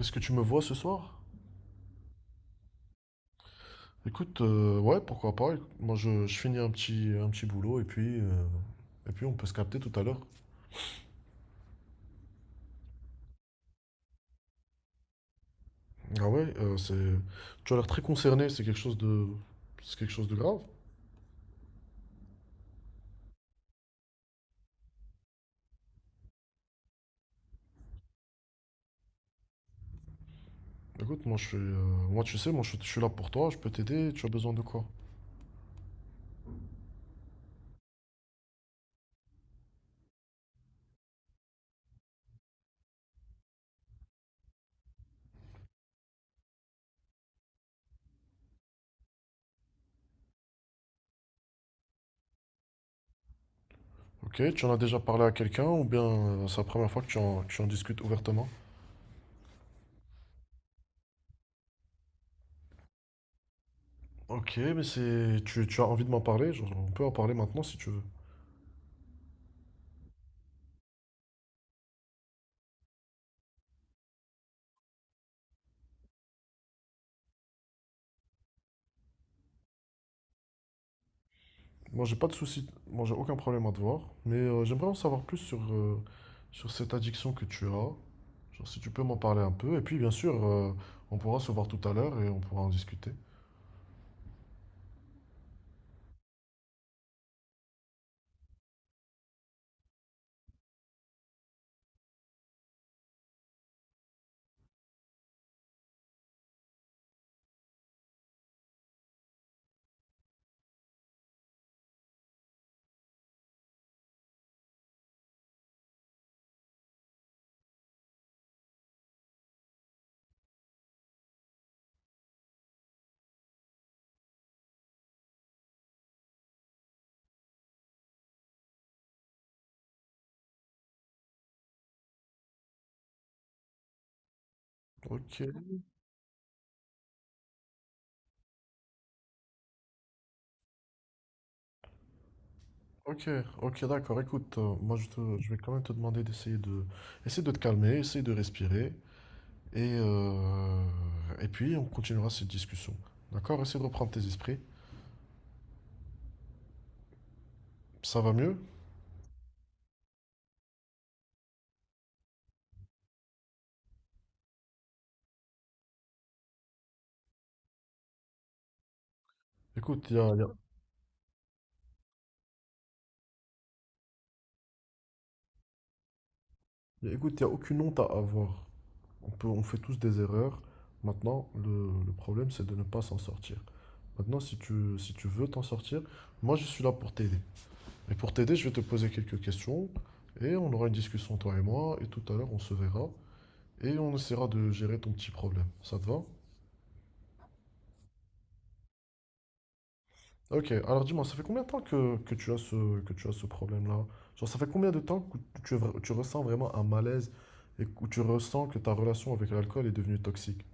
Est-ce que tu me vois ce soir? Écoute, ouais, pourquoi pas. Moi, je finis un petit boulot et puis on peut se capter tout à l'heure. Ah ouais, c'est, tu as l'air très concerné, c'est quelque chose de, c'est quelque chose de grave. Écoute, moi, je suis, moi, tu sais, moi, je suis là pour toi, je peux t'aider, tu as besoin de quoi? Ok, tu en as déjà parlé à quelqu'un ou bien c'est la première fois que tu en discutes ouvertement? Ok, mais c'est, tu as envie de m'en parler, genre, on peut en parler maintenant si tu veux. Moi, j'ai pas de souci, moi, j'ai aucun problème à te voir, mais j'aimerais en savoir plus sur, sur cette addiction que tu as. Genre, si tu peux m'en parler un peu, et puis bien sûr, on pourra se voir tout à l'heure et on pourra en discuter. Ok, ok, ok, d'accord. Écoute, moi, je vais quand même te demander d'essayer de, essayer de te calmer, essayer de respirer, et, euh, et puis on continuera cette discussion. D'accord? Essaye de reprendre tes esprits. Ça va mieux? Écoute, il y a, y a- y a- écoute, y a aucune honte à avoir. On peut, on fait tous des erreurs. Maintenant, le problème, c'est de ne pas s'en sortir. Maintenant, si tu, si tu veux t'en sortir, moi, je suis là pour t'aider. Et pour t'aider, je vais te poser quelques questions et on aura une discussion, toi et moi. Et tout à l'heure, on se verra et on essaiera de gérer ton petit problème. Ça te va? Ok, alors dis-moi, ça fait combien de temps que tu as ce, que tu as ce problème-là? Genre, ça fait combien de temps que tu, tu ressens vraiment un malaise et que tu ressens que ta relation avec l'alcool est devenue toxique?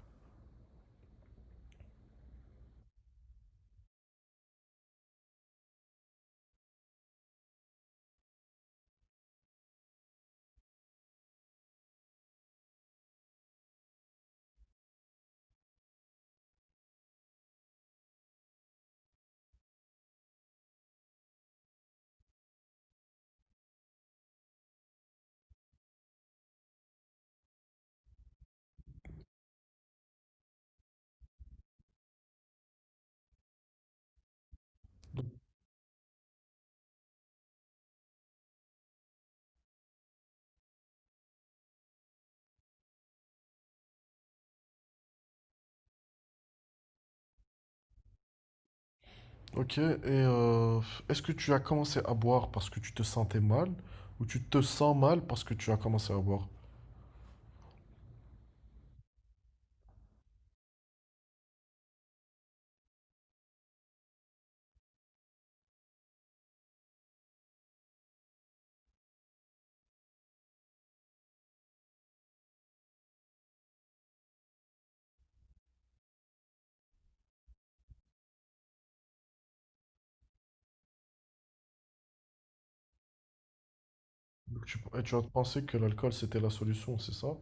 Ok, et est-ce que tu as commencé à boire parce que tu te sentais mal ou tu te sens mal parce que tu as commencé à boire? Donc tu, et tu as pensé que l'alcool c'était la solution, c'est ça?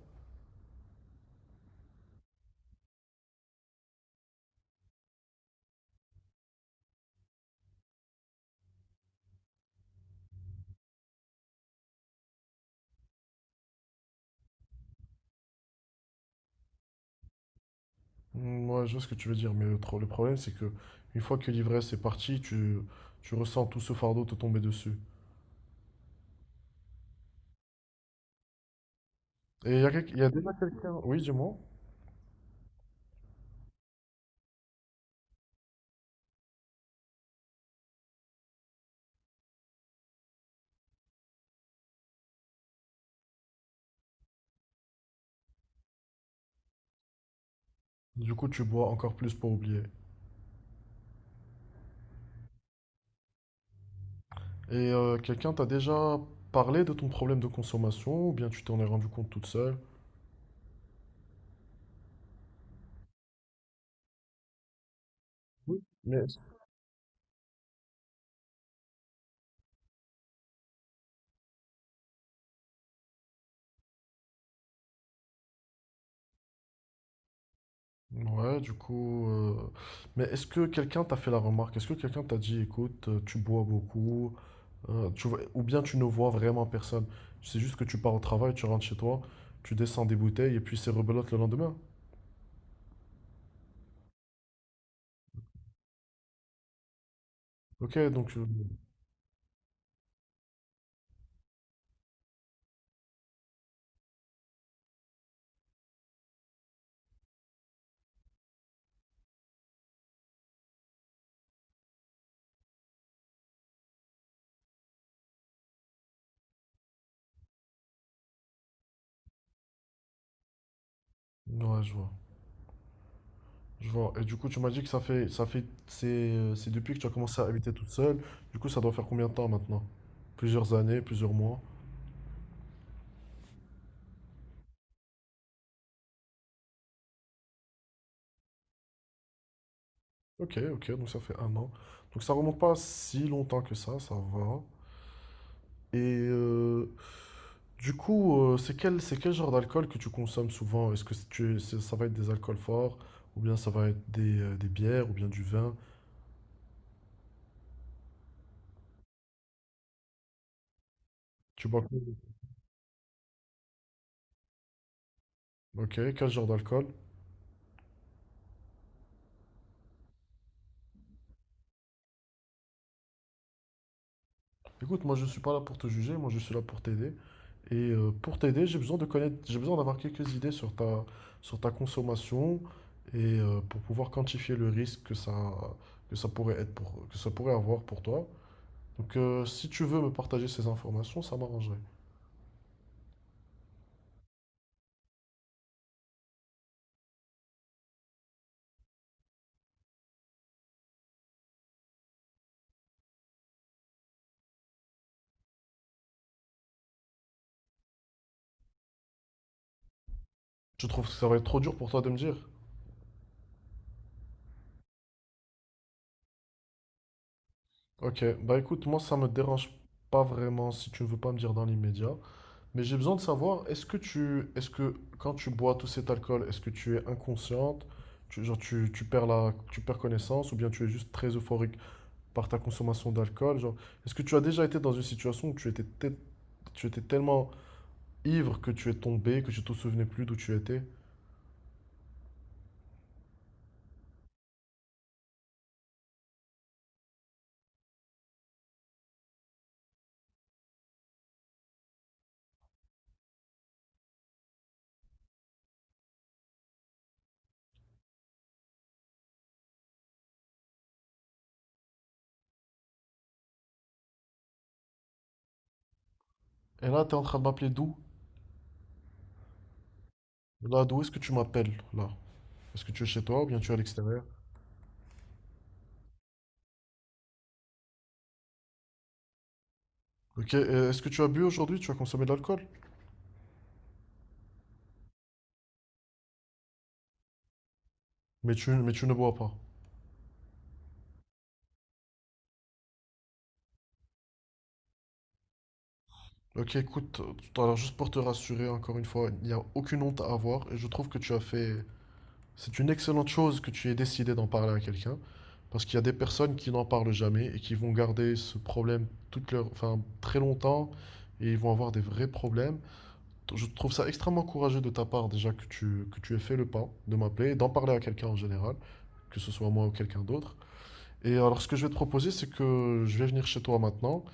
Moi, je vois ce que tu veux dire, mais le problème c'est que une fois que l'ivresse est partie, tu ressens tout ce fardeau te tomber dessus. Et il y a déjà quelqu'un, oui, dis-moi. Du coup, tu bois encore plus pour oublier. Et quelqu'un t'a déjà parlé de ton problème de consommation ou bien tu t'en es rendu compte toute seule? Oui. Mais ouais, du coup. Mais est-ce que quelqu'un t'a fait la remarque? Est-ce que quelqu'un t'a dit, écoute, tu bois beaucoup, ou bien tu ne vois vraiment personne? C'est juste que tu pars au travail, tu rentres chez toi, tu descends des bouteilles et puis c'est rebelote le lendemain. Ok, donc. Ouais, je vois. Je vois. Et du coup, tu m'as dit que ça fait, c'est depuis que tu as commencé à habiter toute seule. Du coup, ça doit faire combien de temps maintenant? Plusieurs années, plusieurs mois. Ok, ok, donc ça fait 1 an. Donc ça remonte pas si longtemps que ça va. Et, euh, du coup, c'est quel genre d'alcool que tu consommes souvent? Est-ce que ça va être des alcools forts, ou bien ça va être des bières, ou bien du vin? Tu bois quoi? Ok, quel genre d'alcool? Écoute, moi je suis pas là pour te juger, moi je suis là pour t'aider. Et pour t'aider, j'ai besoin de connaître, j'ai besoin d'avoir quelques idées sur ta consommation et pour pouvoir quantifier le risque que ça pourrait être pour, que ça pourrait avoir pour toi. Donc, si tu veux me partager ces informations, ça m'arrangerait. Tu trouves que ça va être trop dur pour toi de me dire? Ok, bah écoute, moi ça me dérange pas vraiment si tu ne veux pas me dire dans l'immédiat, mais j'ai besoin de savoir, est-ce que tu, est-ce que quand tu bois tout cet alcool, est-ce que tu es inconsciente, tu, genre tu, tu perds la, tu perds connaissance, ou bien tu es juste très euphorique par ta consommation d'alcool, genre, est-ce que tu as déjà été dans une situation où tu étais, tu étais tellement ivre que tu es tombé, que tu te souvenais plus d'où tu étais, et là tu es en train de m'appeler d'où? Là, d'où est-ce que tu m'appelles, là? Est-ce que tu es chez toi ou bien tu es à l'extérieur? Ok, et est-ce que tu as bu aujourd'hui? Tu as consommé de l'alcool? Mais tu ne bois pas. Ok, écoute, tout à l'heure, juste pour te rassurer, encore une fois, il n'y a aucune honte à avoir et je trouve que tu as fait... C'est une excellente chose que tu aies décidé d'en parler à quelqu'un parce qu'il y a des personnes qui n'en parlent jamais et qui vont garder ce problème toute leur... enfin, très longtemps et ils vont avoir des vrais problèmes. Je trouve ça extrêmement courageux de ta part déjà que tu aies fait le pas de m'appeler et d'en parler à quelqu'un en général, que ce soit moi ou quelqu'un d'autre. Et alors, ce que je vais te proposer, c'est que je vais venir chez toi maintenant.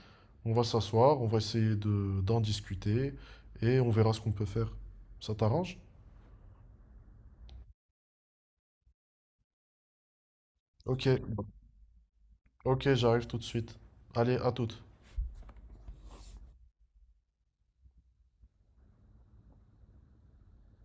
On va s'asseoir, on va essayer de d'en discuter et on verra ce qu'on peut faire. Ça t'arrange? Ok, ok, j'arrive tout de suite. Allez, à toute.